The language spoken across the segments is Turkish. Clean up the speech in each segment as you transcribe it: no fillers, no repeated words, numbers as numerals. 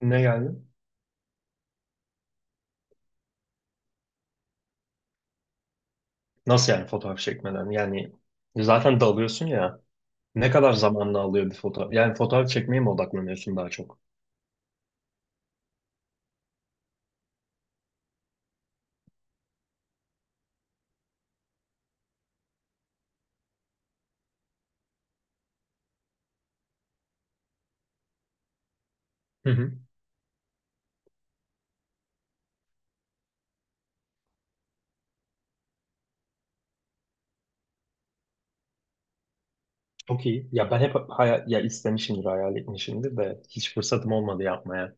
Ne yani? Nasıl yani fotoğraf çekmeden? Yani zaten dalıyorsun ya. Ne kadar zamanını alıyor bir fotoğraf? Yani fotoğraf çekmeye mi odaklanıyorsun daha çok? Hı hı. Çok iyi. Ya ben hep hayal, ya istemişimdir, hayal etmişimdir de hiç fırsatım olmadı yapmaya.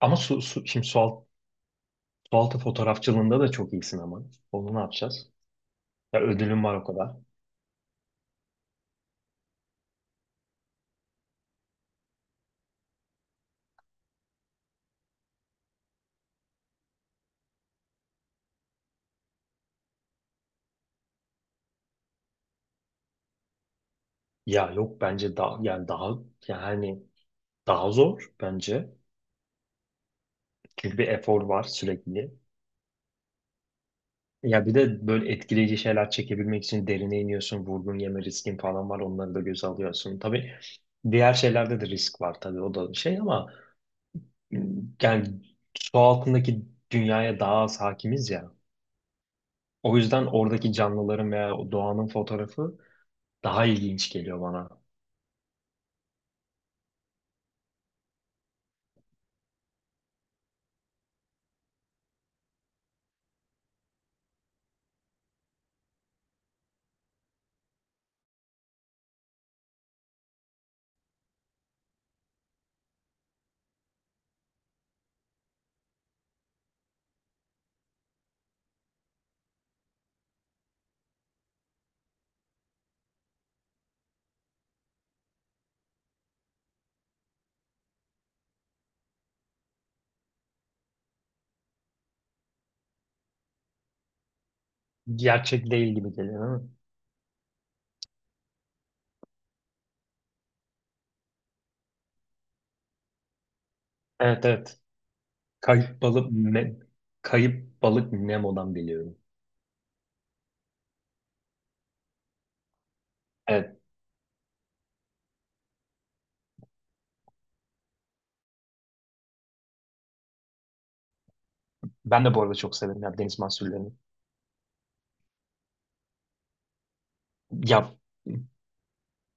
Ama şimdi su altı fotoğrafçılığında da çok iyisin ama. Onu ne yapacağız? Ya ödülüm var o kadar. Ya yok bence daha yani hani daha zor bence. Çünkü bir efor var sürekli. Ya bir de böyle etkileyici şeyler çekebilmek için derine iniyorsun, vurgun yeme riskin falan var, onları da göze alıyorsun. Tabii diğer şeylerde de risk var, tabii o da şey, ama yani su altındaki dünyaya daha az hakimiz ya. O yüzden oradaki canlıların veya o doğanın fotoğrafı daha ilginç geliyor bana. Gerçek değil gibi geliyor değil mi? Evet, evet. Kayıp balık ne, kayıp balık Nemo'dan biliyorum. Evet. Ben de bu arada çok severim ya deniz mahsullerini. Ya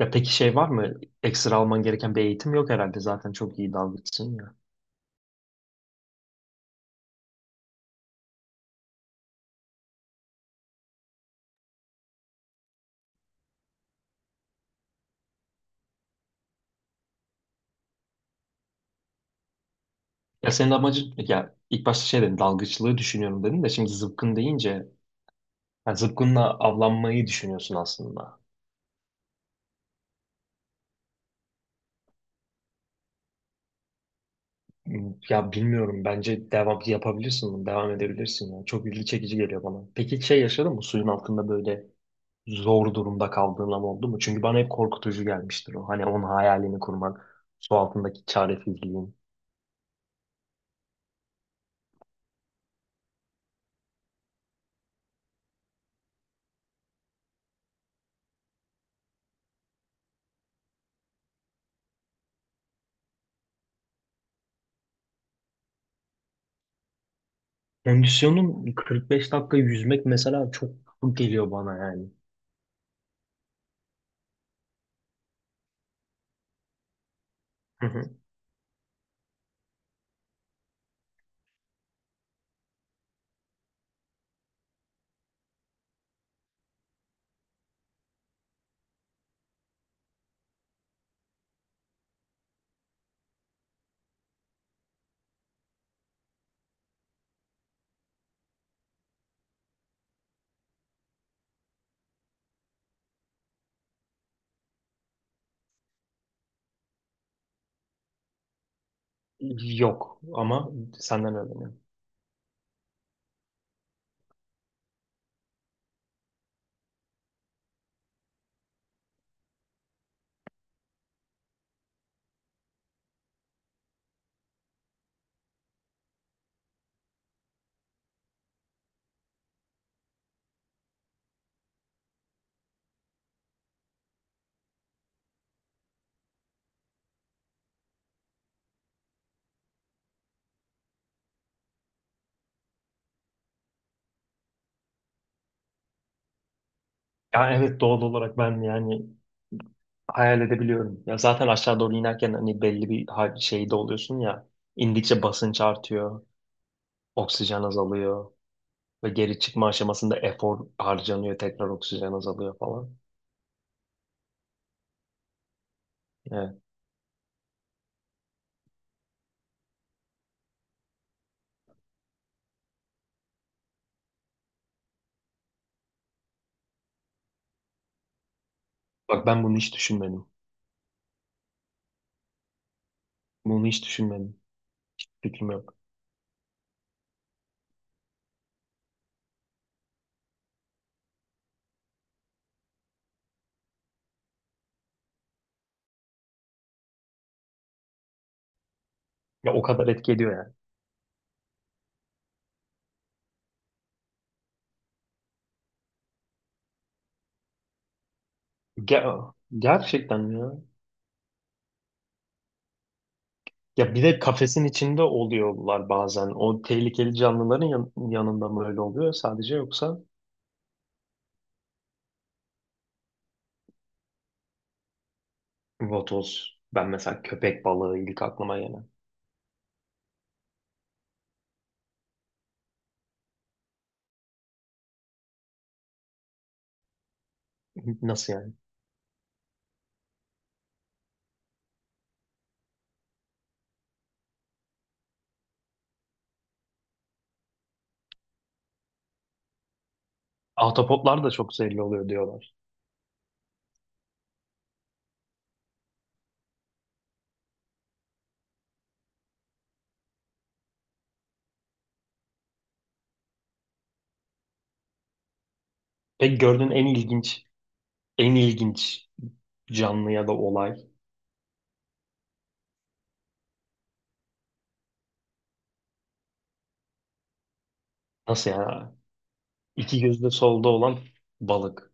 Ya peki şey var mı? Ekstra alman gereken bir eğitim yok herhalde. Zaten çok iyi dalgıçsın ya. Ya senin amacın, ya ilk başta şey dedin, dalgıçlığı düşünüyorum dedin, de şimdi zıpkın deyince ya zıpkınla avlanmayı düşünüyorsun aslında. Hmm, ya bilmiyorum, bence devam yapabilirsin bunu, devam edebilirsin ya. Çok ilgi çekici geliyor bana. Peki şey yaşadın mı suyun altında böyle zor durumda kaldığın an oldu mu? Çünkü bana hep korkutucu gelmiştir o. Hani onun hayalini kurmak, su altındaki çaresizliğin. Kondisyonun 45 dakika yüzmek mesela çok geliyor bana yani. Hı hı. Yok ama senden öğreniyorum. Ya evet, doğal olarak ben yani hayal edebiliyorum. Ya zaten aşağı doğru inerken hani belli bir şeyde oluyorsun ya. İndikçe basınç artıyor, oksijen azalıyor ve geri çıkma aşamasında efor harcanıyor, tekrar oksijen azalıyor falan. Evet. Bak ben bunu hiç düşünmedim. Bunu hiç düşünmedim. Fikrim yok. Ya o kadar etki ediyor yani. Ger- gerçekten ya. Ya bir de kafesin içinde oluyorlar bazen. O tehlikeli canlıların yanında mı öyle oluyor sadece, yoksa vatoz. Ben mesela köpek balığı ilk aklıma gelen. Nasıl yani? Ahtapotlar da çok zehirli oluyor diyorlar. Peki gördüğün en ilginç canlı ya da olay nasıl yani? İki gözde solda olan balık.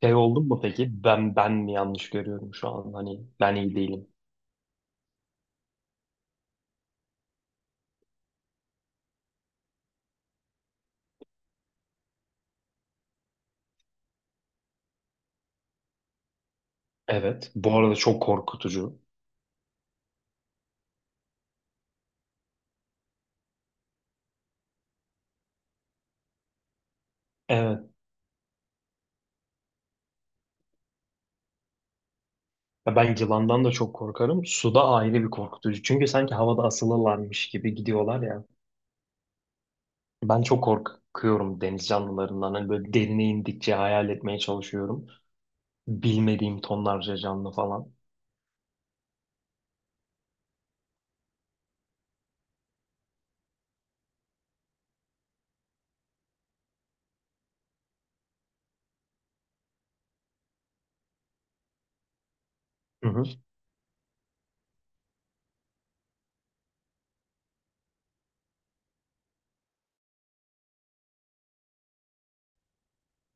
Şey oldun mu peki? Ben mi yanlış görüyorum şu an? Hani ben iyi değilim. Evet. Bu arada çok korkutucu. Evet. Ya ben yılandan da çok korkarım. Suda ayrı bir korkutucu. Çünkü sanki havada asılırlarmış gibi gidiyorlar ya. Ben çok korkuyorum deniz canlılarından. Hani böyle derine indikçe hayal etmeye çalışıyorum. Bilmediğim tonlarca canlı falan. Hı hı.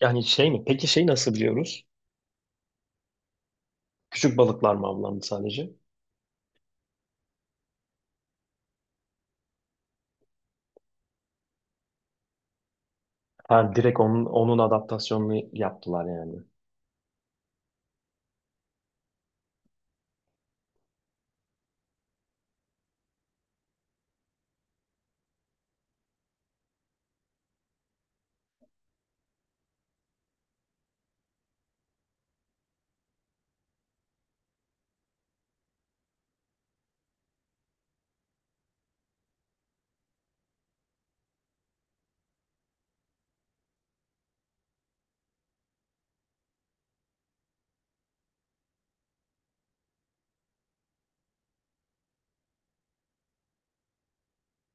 Yani şey mi? Peki şey nasıl biliyoruz? Küçük balıklar mı avlandı sadece? Ha, direkt onun adaptasyonunu yaptılar yani.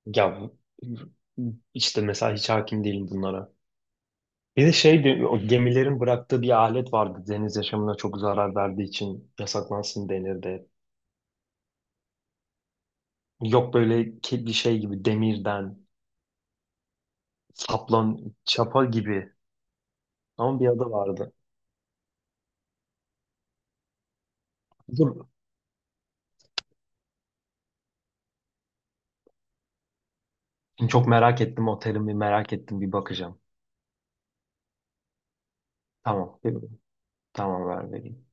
Ya işte mesela hiç hakim değilim bunlara. Bir de şeydi, o gemilerin bıraktığı bir alet vardı, deniz yaşamına çok zarar verdiği için yasaklansın denirdi. Yok böyle bir şey gibi demirden, saplan, çapa gibi, ama bir adı vardı. Dur, şimdi çok merak ettim, o terimi merak ettim, bir bakacağım. Tamam, tamam, ver vereyim.